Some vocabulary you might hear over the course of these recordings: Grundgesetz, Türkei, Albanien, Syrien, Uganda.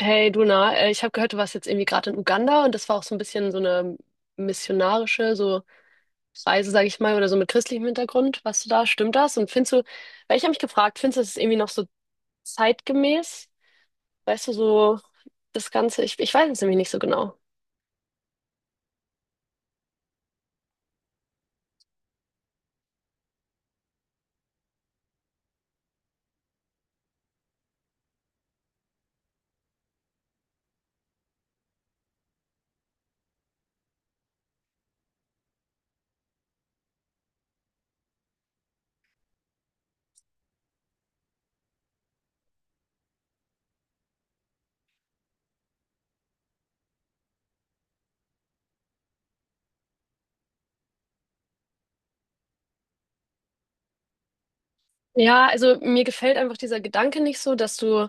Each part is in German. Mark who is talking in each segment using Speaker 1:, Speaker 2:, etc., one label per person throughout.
Speaker 1: Hey Duna, ich habe gehört, du warst jetzt irgendwie gerade in Uganda und das war auch so ein bisschen so eine missionarische so Reise, sage ich mal, oder so mit christlichem Hintergrund. Warst du da? Stimmt das? Und findest du, weil ich habe mich gefragt, findest du das ist irgendwie noch so zeitgemäß? Weißt du, so das Ganze, ich weiß es nämlich nicht so genau. Ja, also mir gefällt einfach dieser Gedanke nicht so, dass du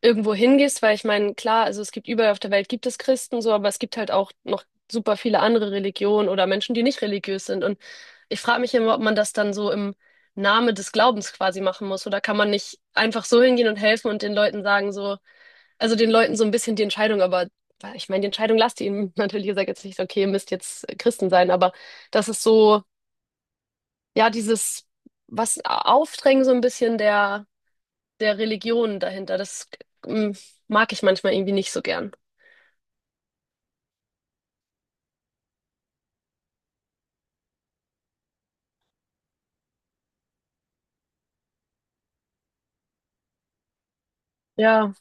Speaker 1: irgendwo hingehst, weil ich meine, klar, also es gibt überall auf der Welt gibt es Christen so, aber es gibt halt auch noch super viele andere Religionen oder Menschen, die nicht religiös sind. Und ich frage mich immer, ob man das dann so im Namen des Glaubens quasi machen muss oder kann man nicht einfach so hingehen und helfen und den Leuten sagen so, also den Leuten so ein bisschen die Entscheidung, aber ich meine, die Entscheidung lasst ihr ihnen natürlich, ihr sagt jetzt nicht, okay, ihr müsst jetzt Christen sein, aber das ist so, ja, dieses was Aufdrängen so ein bisschen der Religion dahinter. Das mm, mag ich manchmal irgendwie nicht so gern. Ja,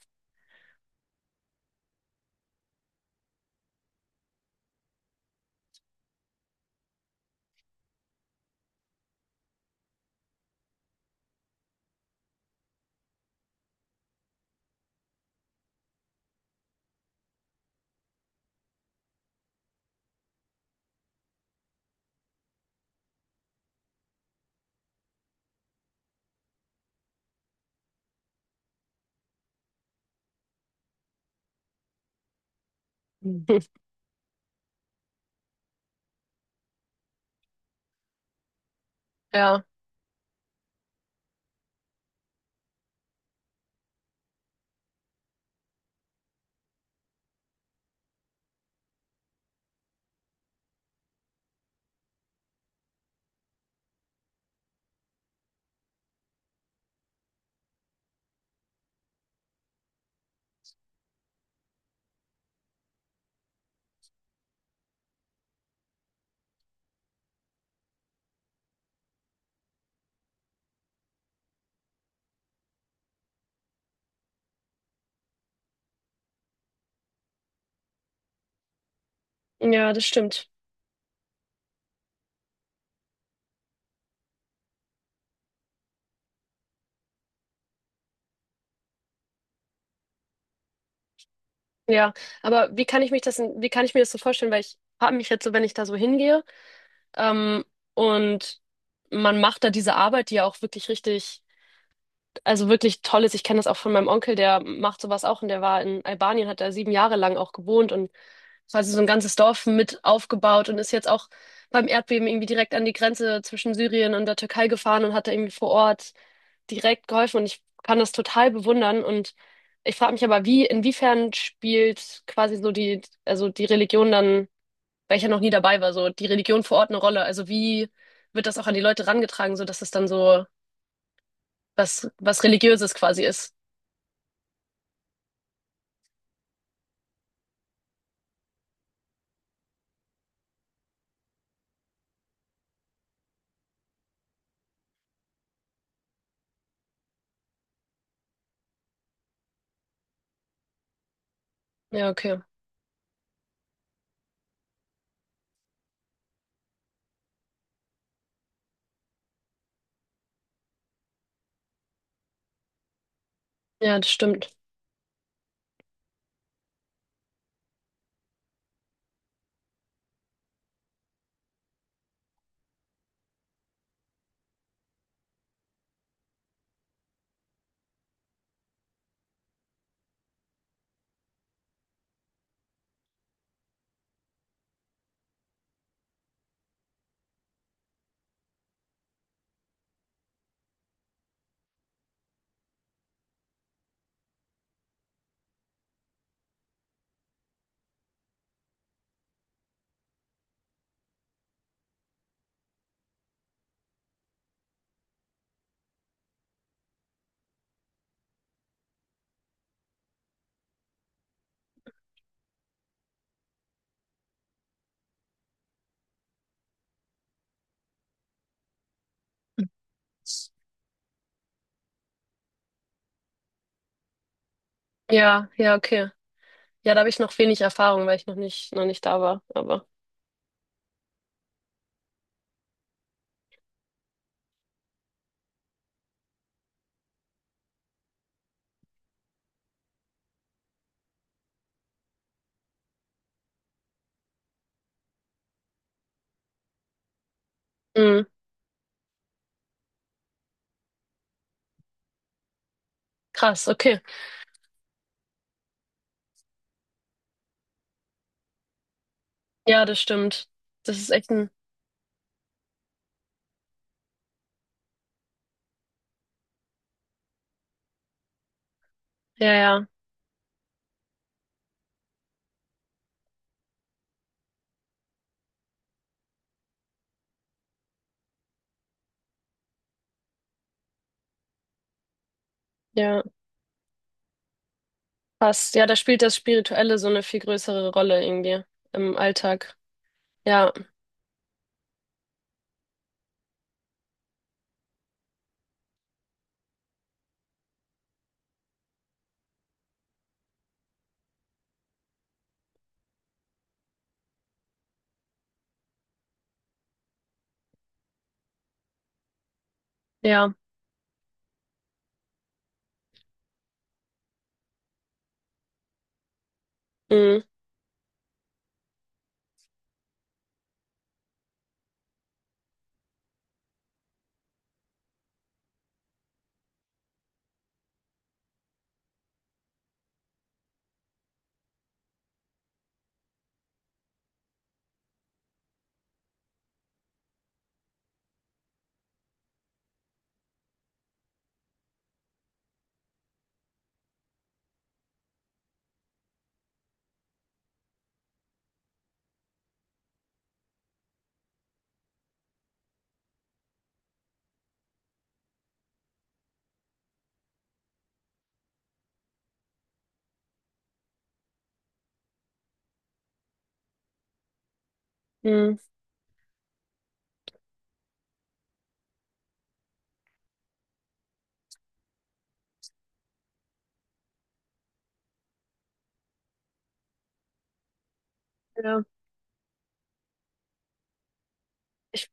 Speaker 1: ja, ja, das stimmt. Ja, aber wie kann ich mich das, wie kann ich mir das so vorstellen? Weil ich habe mich jetzt so, wenn ich da so hingehe, ähm, und man macht da diese Arbeit, die ja auch wirklich richtig, also wirklich toll ist. Ich kenne das auch von meinem Onkel, der macht sowas auch und der war in Albanien, hat da 7 Jahre lang auch gewohnt und das heißt, so ein ganzes Dorf mit aufgebaut und ist jetzt auch beim Erdbeben irgendwie direkt an die Grenze zwischen Syrien und der Türkei gefahren und hat da irgendwie vor Ort direkt geholfen. Und ich kann das total bewundern. Und ich frage mich aber, wie, inwiefern spielt quasi so die, also die Religion dann, weil ich ja noch nie dabei war, so die Religion vor Ort eine Rolle? Also wie wird das auch an die Leute rangetragen, so dass es dann so was, was Religiöses quasi ist? Ja, okay. Ja, das stimmt. Ja, ja, okay. Ja, da habe ich noch wenig Erfahrung, weil ich noch nicht da war. Aber mm, krass, okay. Ja, das stimmt. Das ist echt ein, ja, ja, ja, passt. Ja, da spielt das Spirituelle so eine viel größere Rolle irgendwie im Alltag. Ja, ja, mm, mm, ja. Ich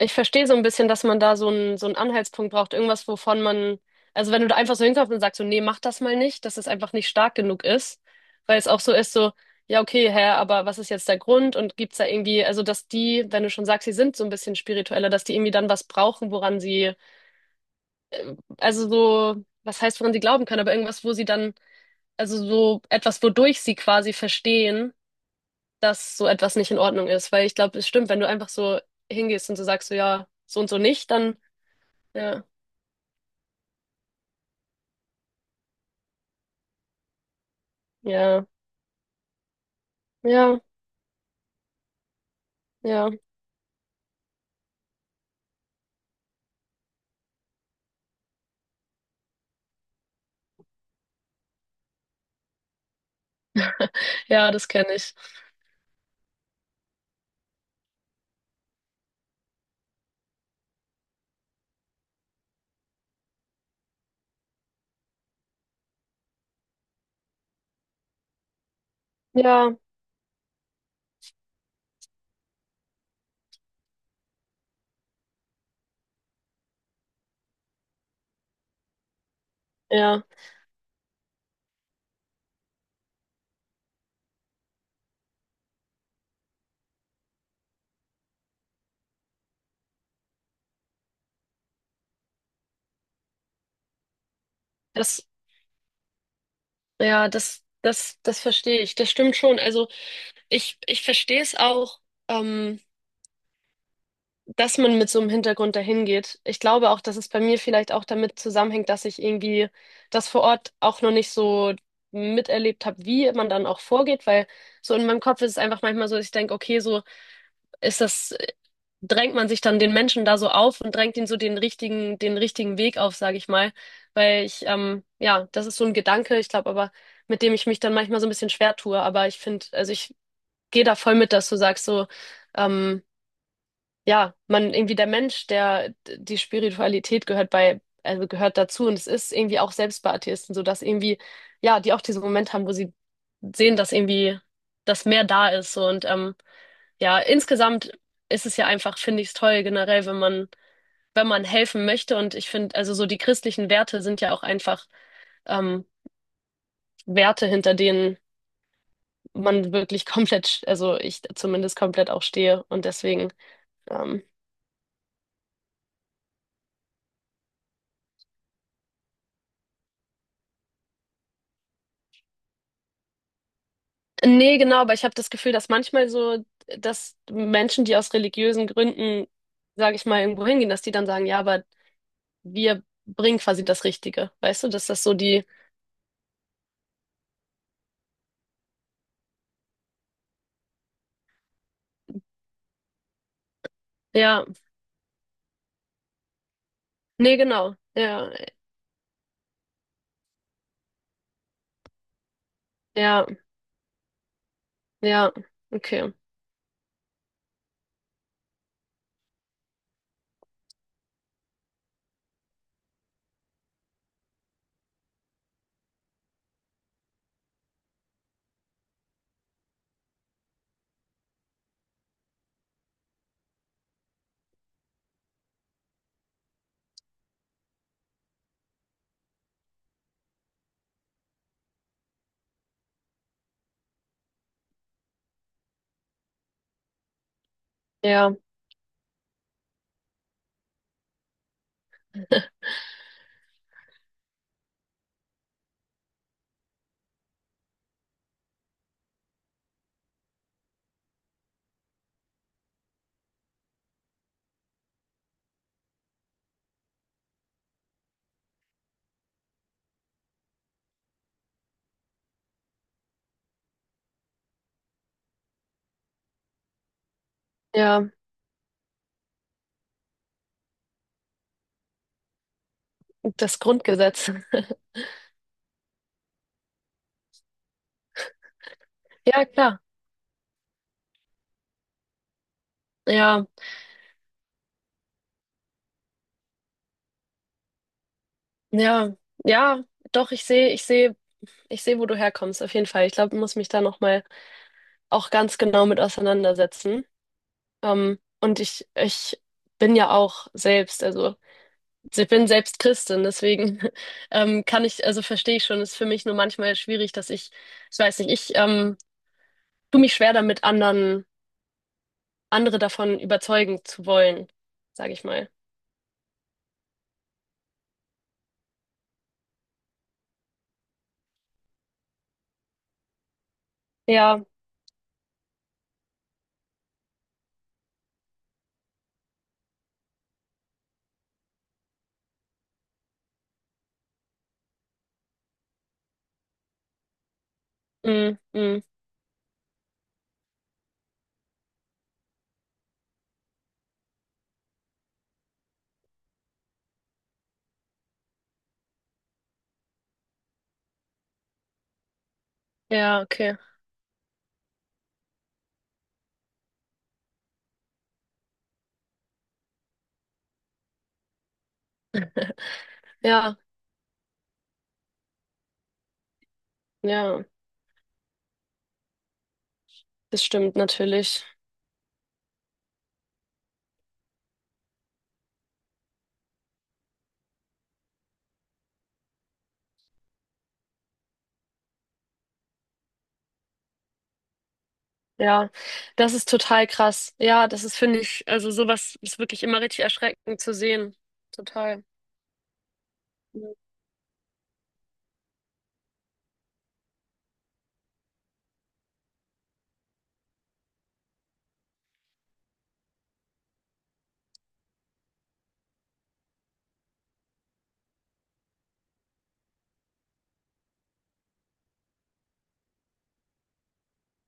Speaker 1: Ich verstehe so ein bisschen, dass man da so einen Anhaltspunkt braucht, irgendwas, wovon man, also wenn du da einfach so hinkommst und sagst so, nee, mach das mal nicht, dass es einfach nicht stark genug ist, weil es auch so ist, so, ja, okay, Herr, aber was ist jetzt der Grund und gibt's da irgendwie, also dass die, wenn du schon sagst, sie sind so ein bisschen spiritueller, dass die irgendwie dann was brauchen, woran sie, also so, was heißt, woran sie glauben können, aber irgendwas, wo sie dann, also so etwas, wodurch sie quasi verstehen, dass so etwas nicht in Ordnung ist, weil ich glaube, es stimmt, wenn du einfach so hingehst und so sagst so, ja, so und so nicht, dann, ja. Ja, ja, ja. Ja, das kenne ich. Ja, ja. Das, ja, das verstehe ich. Das stimmt schon. Also ich verstehe es auch, ähm, dass man mit so einem Hintergrund dahin geht. Ich glaube auch, dass es bei mir vielleicht auch damit zusammenhängt, dass ich irgendwie das vor Ort auch noch nicht so miterlebt habe, wie man dann auch vorgeht, weil so in meinem Kopf ist es einfach manchmal so, dass ich denke, okay, so ist das, drängt man sich dann den Menschen da so auf und drängt ihnen so den den richtigen Weg auf, sage ich mal. Weil ja, das ist so ein Gedanke, ich glaube aber, mit dem ich mich dann manchmal so ein bisschen schwer tue. Aber ich finde, also ich gehe da voll mit, dass du sagst, so, ähm, ja, man irgendwie der Mensch, der die Spiritualität gehört bei, also gehört dazu und es ist irgendwie auch selbst bei Atheisten so, dass irgendwie, ja, die auch diesen Moment haben, wo sie sehen, dass irgendwie das mehr da ist so, und ja, insgesamt ist es ja einfach, finde ich es toll, generell, wenn man, wenn man helfen möchte. Und ich finde, also so die christlichen Werte sind ja auch einfach ähm, Werte, hinter denen man wirklich komplett, also ich zumindest komplett auch stehe. Und deswegen, ähm, nee, genau, aber ich habe das Gefühl, dass manchmal so, dass Menschen, die aus religiösen Gründen, sage ich mal, irgendwo hingehen, dass die dann sagen, ja, aber wir bringen quasi das Richtige. Weißt du, dass das so die, ja, nee, genau, ja, ja, ja, okay. Ja, ja, das Grundgesetz. Ja, klar. Ja, ja, ja, doch, ich sehe, ich sehe, wo du herkommst, auf jeden Fall. Ich glaube, ich muss mich da nochmal auch ganz genau mit auseinandersetzen. Und ich bin ja auch selbst, also ich bin selbst Christin, deswegen kann ich, also verstehe ich schon, ist für mich nur manchmal schwierig, dass ich weiß nicht, ich tue mich schwer damit, andere davon überzeugen zu wollen, sage ich mal. Ja, mm, mm, ja, okay. Ja, ja, das stimmt natürlich. Ja, das ist total krass. Ja, das ist, finde ich, also sowas ist wirklich immer richtig erschreckend zu sehen. Total.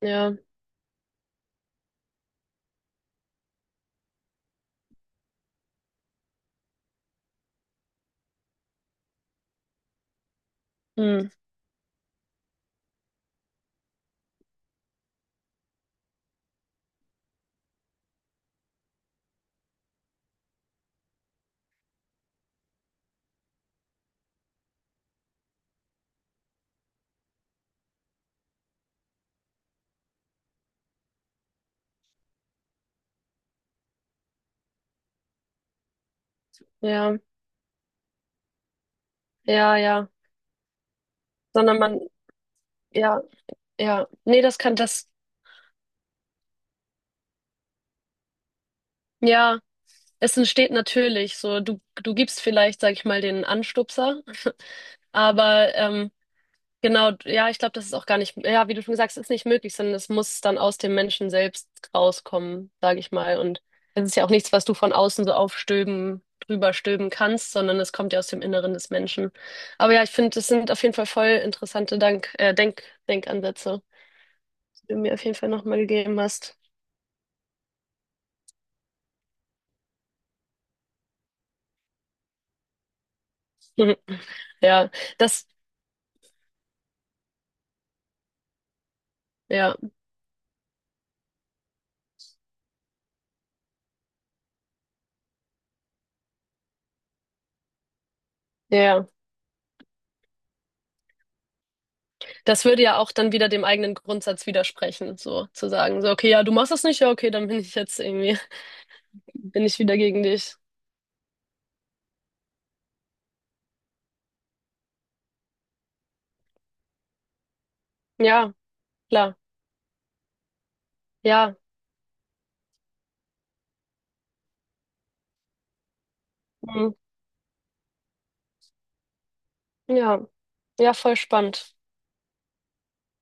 Speaker 1: Ja, hm, ja, ja, ja. Sondern man, ja, ja. Nee, das kann das, ja, es entsteht natürlich so. Du gibst vielleicht, sag ich mal, den Anstupser, aber genau, ja, ich glaube, das ist auch gar nicht, ja, wie du schon gesagt hast, ist nicht möglich, sondern es muss dann aus dem Menschen selbst rauskommen, sage ich mal. Und es ist ja auch nichts, was du von außen so aufstöben, drüber stöben kannst, sondern es kommt ja aus dem Inneren des Menschen. Aber ja, ich finde, das sind auf jeden Fall voll interessante Denkansätze, die du mir auf jeden Fall nochmal gegeben hast. Ja, das, ja, ja, ja. Das würde ja auch dann wieder dem eigenen Grundsatz widersprechen, so zu sagen, so, okay, ja, du machst das nicht, ja, okay, dann bin ich jetzt irgendwie, bin ich wieder gegen dich. Ja. Klar, ja. Mhm. Ja, ja, voll spannend.